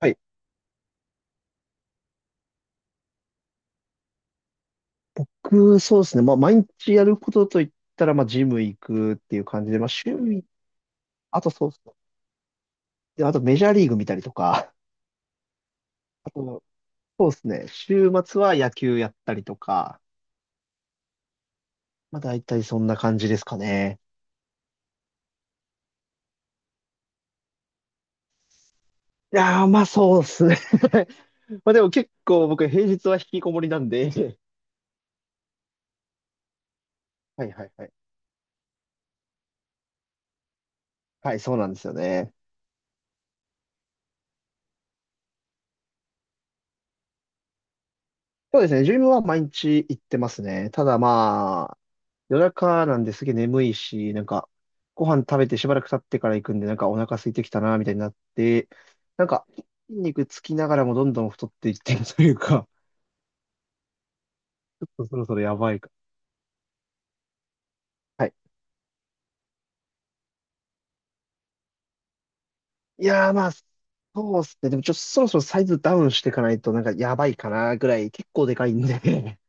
はい。僕、そうですね。まあ、毎日やることといったら、まあ、ジム行くっていう感じで、まあ、週に、あとそうですね。で、あとメジャーリーグ見たりとか、あと、そうですね。週末は野球やったりとか、まあ、大体そんな感じですかね。いやー、まあ、そうですね。まあ、でも結構僕、平日は引きこもりなんで、はいはいはい。はい、そうなんですよね。そうですね。ジムは毎日行ってますね。ただ、夜中なんですげえ眠いし、なんか、ご飯食べてしばらく経ってから行くんで、なんかお腹空いてきたな、みたいになって、なんか、筋肉つきながらもどんどん太っていってるというか、ちょっとそろそろやばいか。はい。いやーまあ、そうっすね。でもちょっとそろそろサイズダウンしていかないと、なんかやばいかな、ぐらい、結構でかいんで。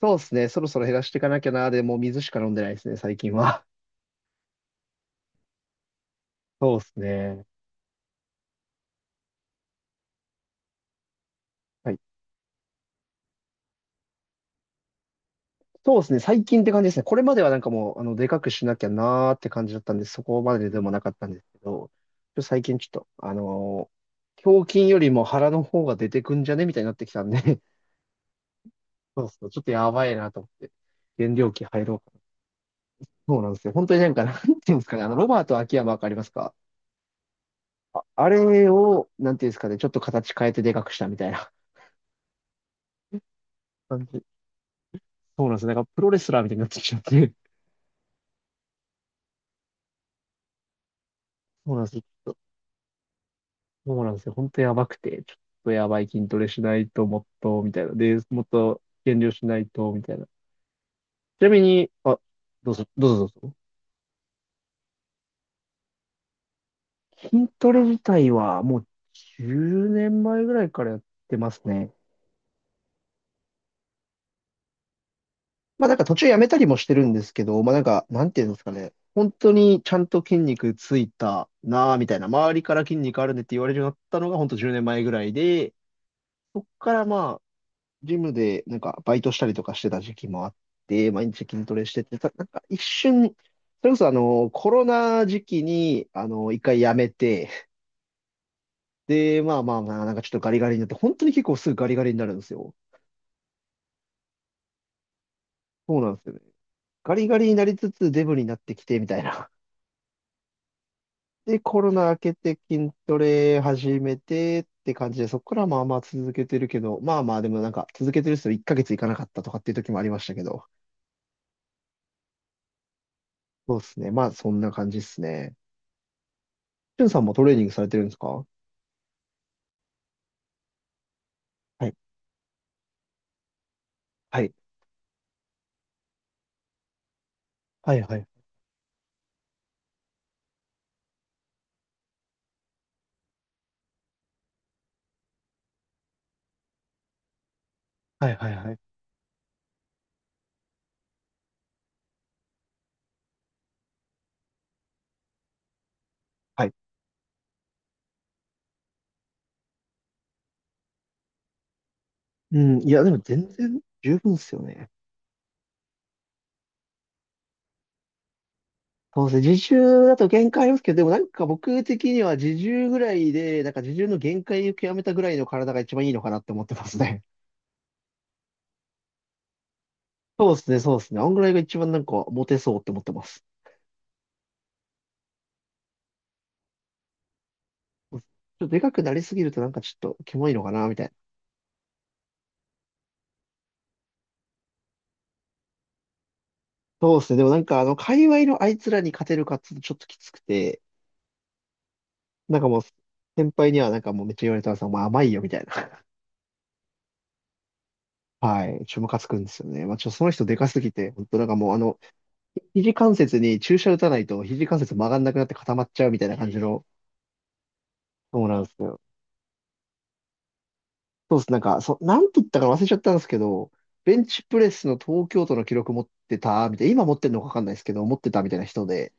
そうっすね。そろそろ減らしていかなきゃな、でもう水しか飲んでないですね、最近は。そうっすね。はい、そうですね。最近って感じですね。これまではなんかもう、あの、でかくしなきゃなーって感じだったんで、そこまででもなかったんですけど、最近ちょっと、あのー胸筋よりも腹の方が出てくんじゃねみたいになってきたんで、そうそう、ちょっとやばいなと思って、減量期入ろうか。そうなんですよ。本当になんか、なんていうんですかね、あの、ロバート秋山わかりますか？あ、あれを、なんていうんですかね、ちょっと形変えてでかくしたみたいな感じ。そうなんですね。なんかプロレスラーみたいになってきちゃって、そうなんです、そうなんですよ。本当やばくて、ちょっとやばい筋トレしないともっと、みたいな。で、もっと減量しないと、みたいな。ちなみに、あ、どうぞ、どうぞ。筋トレ自体はもう10年前ぐらいからやってますね。まあなんか途中やめたりもしてるんですけど、まあなんか、なんていうんですかね。本当にちゃんと筋肉ついたなぁ、みたいな。周りから筋肉あるねって言われるようになったのが本当10年前ぐらいで、そっからまあジムでなんかバイトしたりとかしてた時期もあって、毎日筋トレしてて、たなんか一瞬、それこそあの、コロナ時期に、あの、一回やめて、で、まあ、なんかちょっとガリガリになって、本当に結構すぐガリガリになるんですよ。そうなんですよね。ガリガリになりつつデブになってきて、みたいな。で、コロナ明けて筋トレ始めてって感じで、そこからまあまあ続けてるけど、まあまあでもなんか続けてる人1ヶ月いかなかったとかっていう時もありましたけど、そうですね。まあそんな感じですね。しゅんさんもトレーニングされてるんですか？はい。はい。はい。はい。はいはいはい。はい。うん。いや、でも全然十分ですよね。そうですね。自重だと限界ありますけど、でもなんか僕的には自重ぐらいで、なんか自重の限界を極めたぐらいの体が一番いいのかなって思ってますね。そうですね。そうですね。あんぐらいが一番なんかモテそうって思ってます。ちょっとでかくなりすぎるとなんかちょっとキモいのかなみたいな。そうですね。でもなんかあの、界隈のあいつらに勝てるかっていうとちょっときつくて、なんかもう先輩にはなんかもうめっちゃ言われたんですよ。お前甘いよみたいな。はい。ちょ、ムカつくんですよね。まあ、ちょ、その人でかすぎて、本当なんかもうあの、肘関節に注射打たないと肘関節曲がんなくなって固まっちゃうみたいな感じの、そうなんですよ。そうです。なんて言ったか忘れちゃったんですけど、ベンチプレスの東京都の記録持ってた、みたいな、今持ってるのかわかんないですけど、持ってたみたいな人で、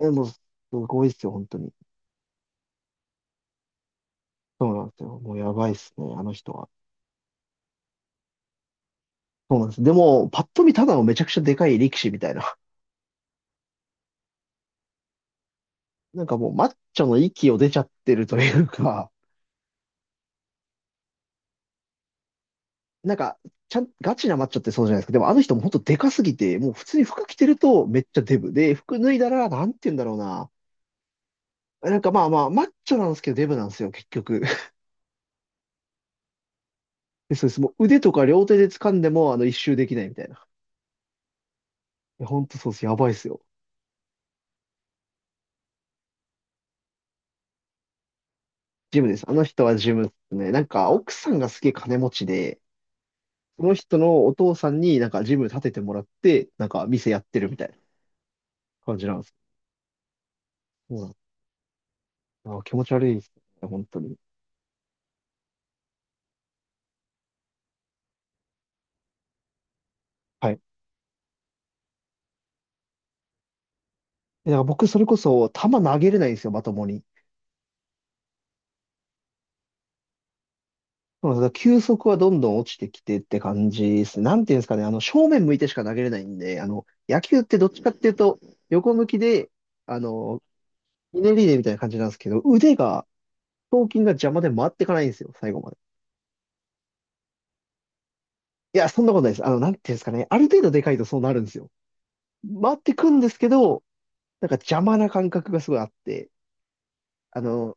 え、もう、すごいですよ、本当に。そうなんですよ。もうやばいっすね、あの人は。そうなんです。でも、パッと見ただのめちゃくちゃでかい力士みたいな。なんかもう、マッチョの域を出ちゃってるというか、なんか、ちゃん、ガチなマッチョってそうじゃないですか。でもあの人も本当でかすぎて、もう普通に服着てるとめっちゃデブ。で、服脱いだら、なんて言うんだろうな。なんかまあまあ、マッチョなんですけどデブなんですよ、結局。で、そうです。もう腕とか両手で掴んでも、あの、一周できないみたいな。いや、本当そうです。やばいですよ。ジムです。あの人はジムですね。なんか、奥さんがすげえ金持ちで、その人のお父さんになんかジム建ててもらって、なんか店やってるみたいな感じなんです。そうなんです。あー、気持ち悪いですね。本当に。はい。えだから僕、それこそ、球投げれないんですよ、まともに。そうなんです、だから球速はどんどん落ちてきてって感じですね。なんていうんですかね、あの、正面向いてしか投げれないんで、あの、野球ってどっちかっていうと、横向きで、あの、ひねりでみたいな感じなんですけど、腕が、頭筋が邪魔で回ってかないんですよ、最後まで。いや、そんなことないです。あの、なんていうんですかね、ある程度でかいとそうなるんですよ。回ってくんですけど、なんか邪魔な感覚がすごいあって、あの、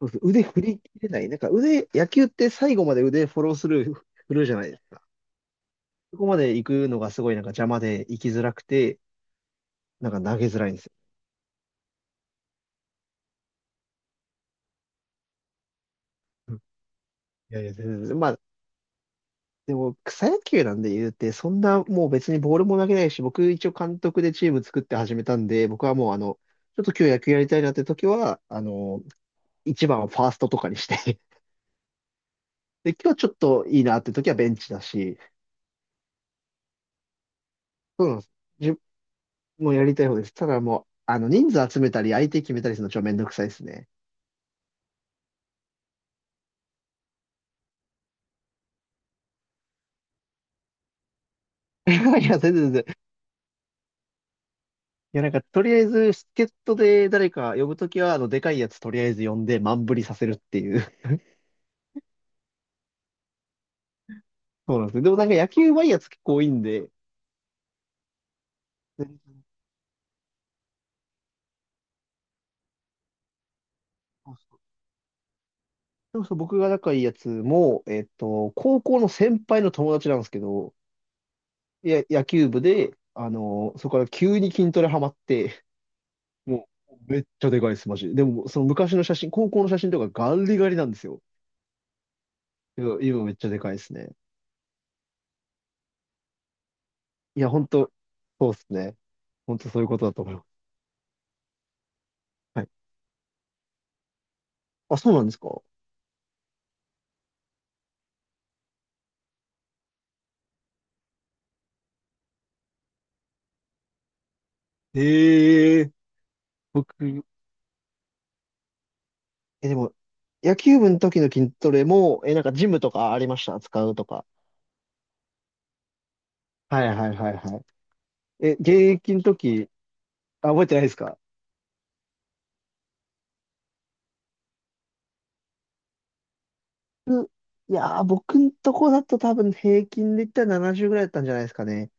そうです、腕振り切れない。なんか腕、野球って最後まで腕フォロースルー振るじゃないですか。そこまで行くのがすごいなんか邪魔で行きづらくて、なんか投げづらいんですよ。うん。いやいや、全然まあ、でも草野球なんで言うて、そんなもう別にボールも投げないし、僕一応監督でチーム作って始めたんで、僕はもうあの、ちょっと今日野球やりたいなって時は、あの、一番をファーストとかにして、 で、今日ちょっといいなって時はベンチだし、そうなんです。じゅもうやりたい方です。ただもう、あの、人数集めたり、相手決めたりするのちょっとめんどくさいですね。いや、全然いや、なんか、とりあえず、助っ人で誰か呼ぶときは、あの、でかいやつとりあえず呼んで、満振りさせるっていう。そうなんですね。でもなんか、野球はいやつ結構多いんで、全然。そうそう、でもそう僕が仲いいやつも、えっと、高校の先輩の友達なんですけど、いや、野球部で、あの、そこから急に筋トレハマって、もう、めっちゃでかいです、マジで。でも、その昔の写真、高校の写真とかガリガリなんですよ。いや今めっちゃでかいですね。いや、本当そうですね。本当そういうことだと思います。はい。あ、そうなんですか？ええ。僕、え、でも、野球部の時の筋トレも、え、なんかジムとかありました、使うとか。はいはいはいはい。え、現役の時、あ、覚えてないですか？ういやー、僕んとこだと多分平均で言ったら70ぐらいだったんじゃないですかね。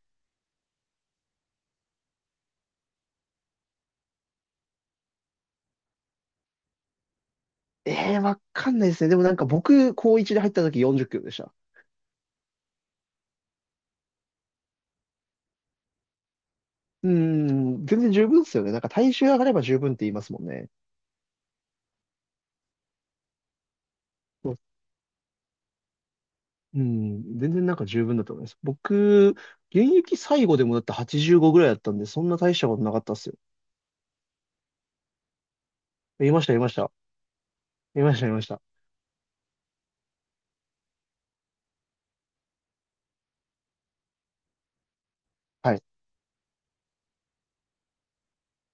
えー、わかんないですね。でもなんか僕、高1で入った時40キロでした。うーん、全然十分ですよね。なんか体重上がれば十分って言いますもんね。うん、全然なんか十分だと思います。僕、現役最後でもだって85ぐらいだったんで、そんな大したことなかったっすよ。言いました、言いました。言いました、言いました。はい。い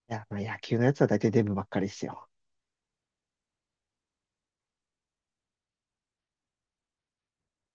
や、まあ野球のやつは大体デブばっかりっすよ。